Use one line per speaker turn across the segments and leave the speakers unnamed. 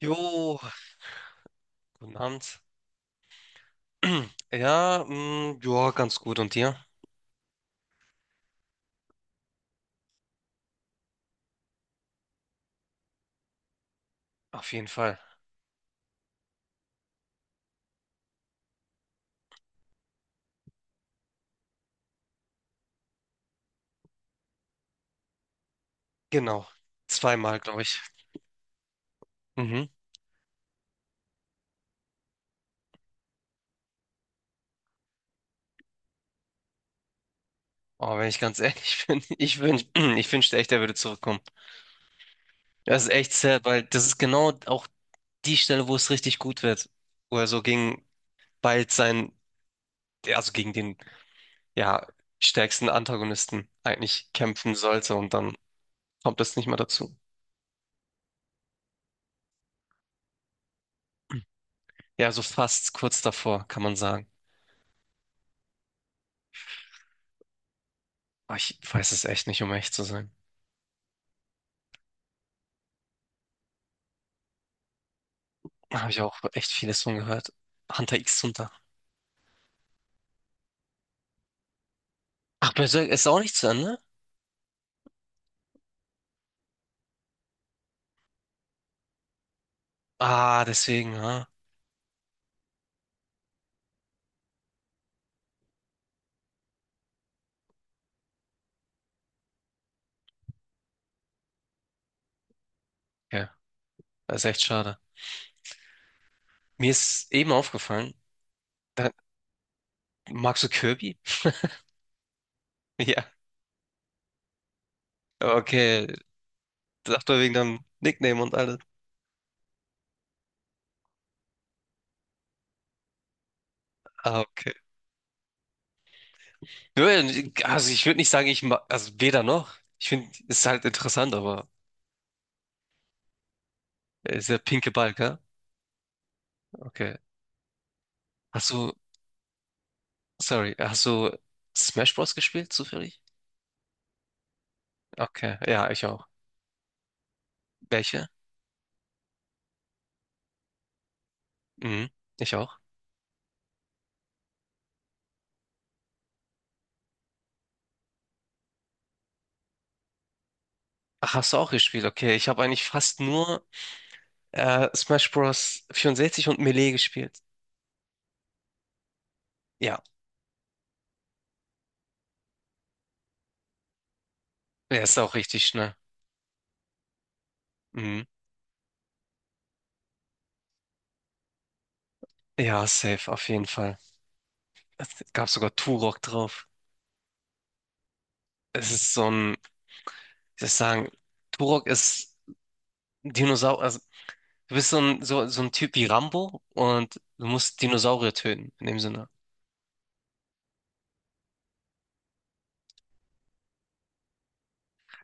Jo, guten Abend. Ja, ja, ganz gut. Und dir? Auf jeden Fall. Genau. Zweimal, glaube ich. Mhm. Aber wenn ich ganz ehrlich bin, ich wünschte echt, er würde zurückkommen. Das ist echt sad, weil das ist genau auch die Stelle, wo es richtig gut wird. Wo er so gegen bald sein, also gegen den, ja, stärksten Antagonisten eigentlich kämpfen sollte und dann kommt das nicht mehr dazu. Ja, so fast kurz davor, kann man sagen. Aber ich weiß es echt nicht, um echt zu sein. Da habe ich auch echt vieles von gehört. Hunter x Hunter. Ach, Berserk ist auch nicht zu Ende? Ah, deswegen, ja. Okay, das ist echt schade. Mir ist eben aufgefallen, da, magst du Kirby? Ja, okay. Sag doch wegen deinem Nickname und alles. Ah, okay. Nö, also ich würde nicht sagen, ich mag, also weder noch. Ich finde, es ist halt interessant, aber ist der pinke Ball, gell? Okay. Hast du, sorry, hast du Smash Bros. Gespielt, zufällig? Okay, ja, ich auch. Welche? Mhm, ich auch. Ach, hast du auch gespielt? Okay, ich habe eigentlich fast nur Smash Bros. 64 und Melee gespielt. Ja, er ist auch richtig schnell. Mhm. Ja, safe, auf jeden Fall. Es gab sogar Turok drauf. Es ist so ein, ich soll ich sagen, Turok ist Dinosaurier. Also, du bist so ein Typ wie Rambo und du musst Dinosaurier töten, in dem Sinne.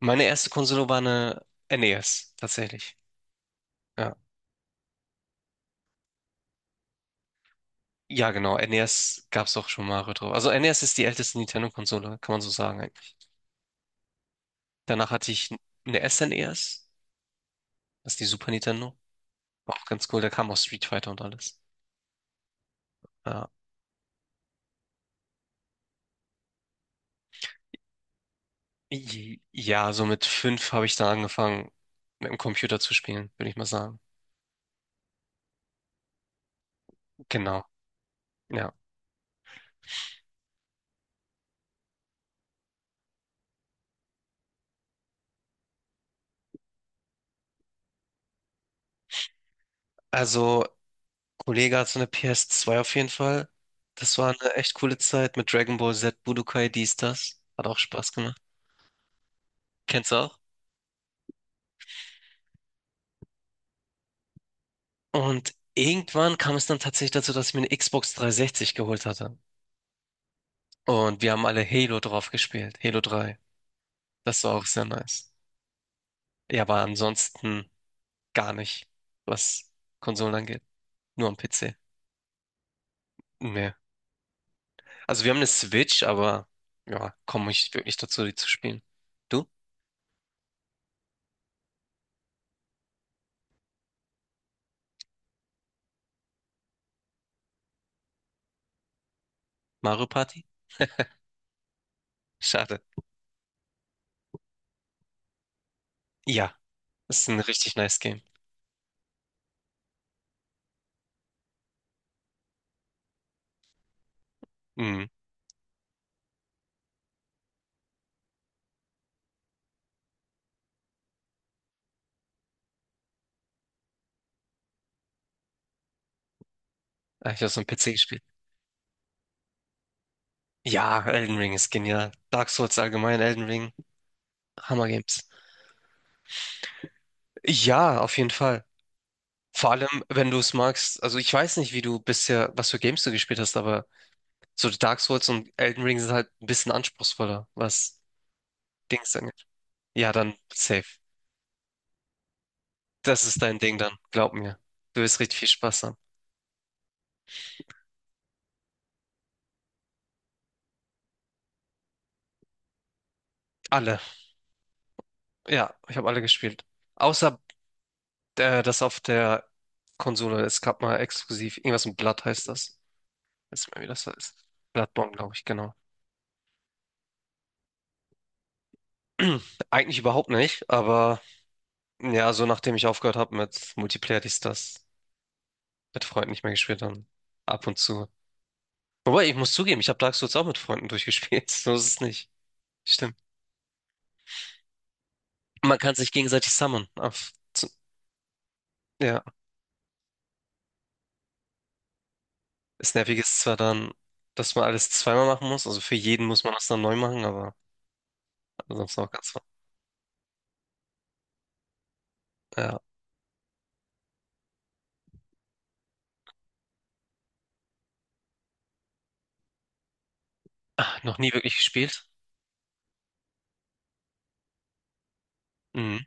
Meine erste Konsole war eine NES, tatsächlich. Ja, ja genau, NES gab es auch schon Mario drauf. Also NES ist die älteste Nintendo-Konsole, kann man so sagen. Danach hatte ich eine SNES, das ist die Super Nintendo. War auch ganz cool, da kam auch Street Fighter und alles. Ja, ja, so mit fünf habe ich dann angefangen, mit dem Computer zu spielen, würde ich mal sagen. Genau, ja. Also, Kollege hat so eine PS2 auf jeden Fall. Das war eine echt coole Zeit mit Dragon Ball Z, Budokai, dies, das. Hat auch Spaß gemacht. Kennst du auch? Und irgendwann kam es dann tatsächlich dazu, dass ich mir eine Xbox 360 geholt hatte. Und wir haben alle Halo drauf gespielt, Halo 3. Das war auch sehr nice. Ja, aber ansonsten gar nicht, was Konsolen angeht. Nur am PC. Nee. Also wir haben eine Switch, aber ja, komme ich wirklich dazu, die zu spielen. Du? Mario Party? Schade. Ja, ist ein richtig nice Game. Mhm. Hab Ich habe es am PC gespielt. Ja, Elden Ring ist genial. Dark Souls allgemein, Elden Ring, Hammer Games. Ja, auf jeden Fall. Vor allem, wenn du es magst. Also ich weiß nicht, wie du bisher, was für Games du gespielt hast, aber so Dark Souls und Elden Ring sind halt ein bisschen anspruchsvoller, was Dings dann. Ja, dann safe. Das ist dein Ding dann, glaub mir. Du wirst richtig viel Spaß haben. Alle. Ja, ich habe alle gespielt. Außer das auf der Konsole. Es gab mal exklusiv. Irgendwas mit Blood heißt das. Weiß nicht mehr, wie das heißt. Bloodborne, glaube ich, genau. Eigentlich überhaupt nicht, aber ja, so nachdem ich aufgehört habe mit Multiplayer, dies, das, mit Freunden nicht mehr gespielt dann ab und zu. Wobei, ich muss zugeben, ich habe Dark Souls auch mit Freunden durchgespielt. So ist es nicht. Stimmt. Man kann sich gegenseitig summonen. Auf, zu, ja. Das Nervige ist zwar dann, dass man alles zweimal machen muss, also für jeden muss man das dann neu machen, aber sonst auch ganz, ja. Ah, noch nie wirklich gespielt. Mhm.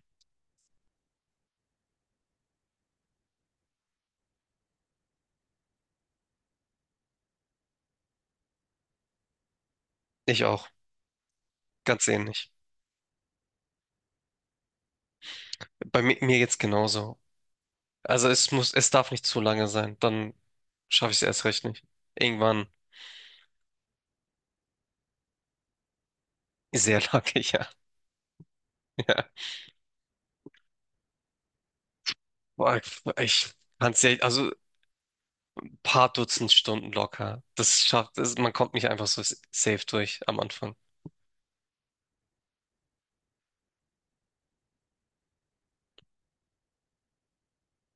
Ich auch, ganz ähnlich. Bei mi mir jetzt genauso. Also es muss, es darf nicht zu lange sein, dann schaffe ich es erst recht nicht. Irgendwann sehr lange, ja, ja. Boah, ich kann's ja, also ein paar Dutzend Stunden locker. Das schafft, das, man kommt nicht einfach so safe durch am Anfang.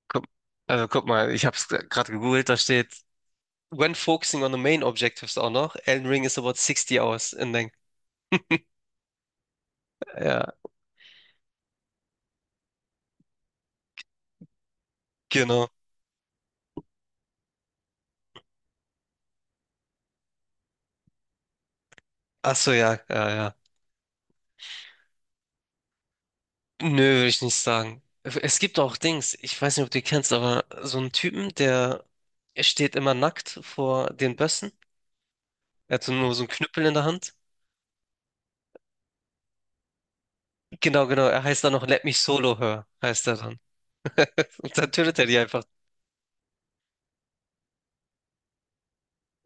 Guck, also guck mal, ich habe es gerade gegoogelt, da steht when focusing on the main objectives auch noch, Elden Ring is about 60 hours in length. Ja, genau. Ach so, ja, ja, ja. Nö, würde ich nicht sagen. Es gibt auch Dings, ich weiß nicht, ob du die kennst, aber so einen Typen, der steht immer nackt vor den Bössen. Er hat so nur so einen Knüppel in der Hand. Genau, genau. Er heißt dann noch Let Me Solo Her, heißt er dann. Und dann tötet er die einfach.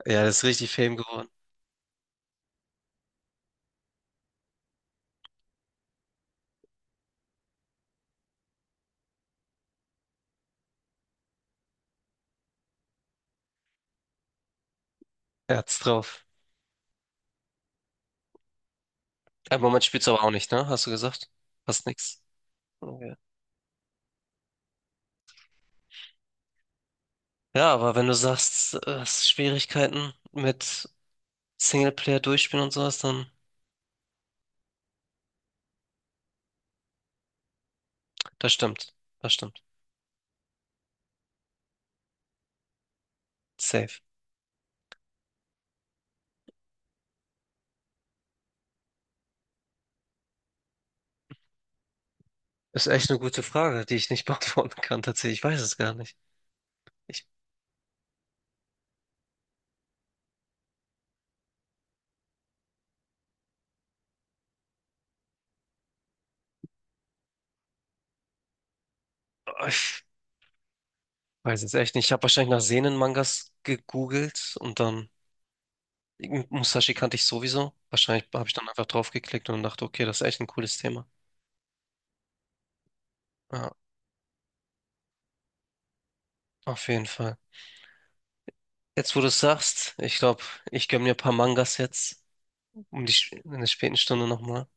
Ja, das ist richtig Fame geworden. Er hat's drauf. Aber man spielt's aber auch nicht, ne? Hast du gesagt? Fast nix. Ja, aber wenn du sagst, hast Schwierigkeiten mit Singleplayer durchspielen und sowas, dann das stimmt. Das stimmt. Safe. Ist echt eine gute Frage, die ich nicht beantworten kann, tatsächlich. Ich weiß es gar nicht. Ich, ich weiß es echt nicht. Ich habe wahrscheinlich nach Seinen-Mangas gegoogelt und dann Musashi kannte ich sowieso. Wahrscheinlich habe ich dann einfach draufgeklickt und dachte, okay, das ist echt ein cooles Thema. Ja, auf jeden Fall. Jetzt, wo du es sagst, ich glaube, ich gönne mir ein paar Mangas jetzt, um die in der späten Stunde nochmal.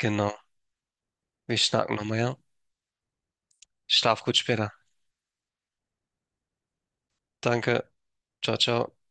Genau. Wir schnacken nochmal, ja? Schlaf gut später. Danke. Ciao, ciao.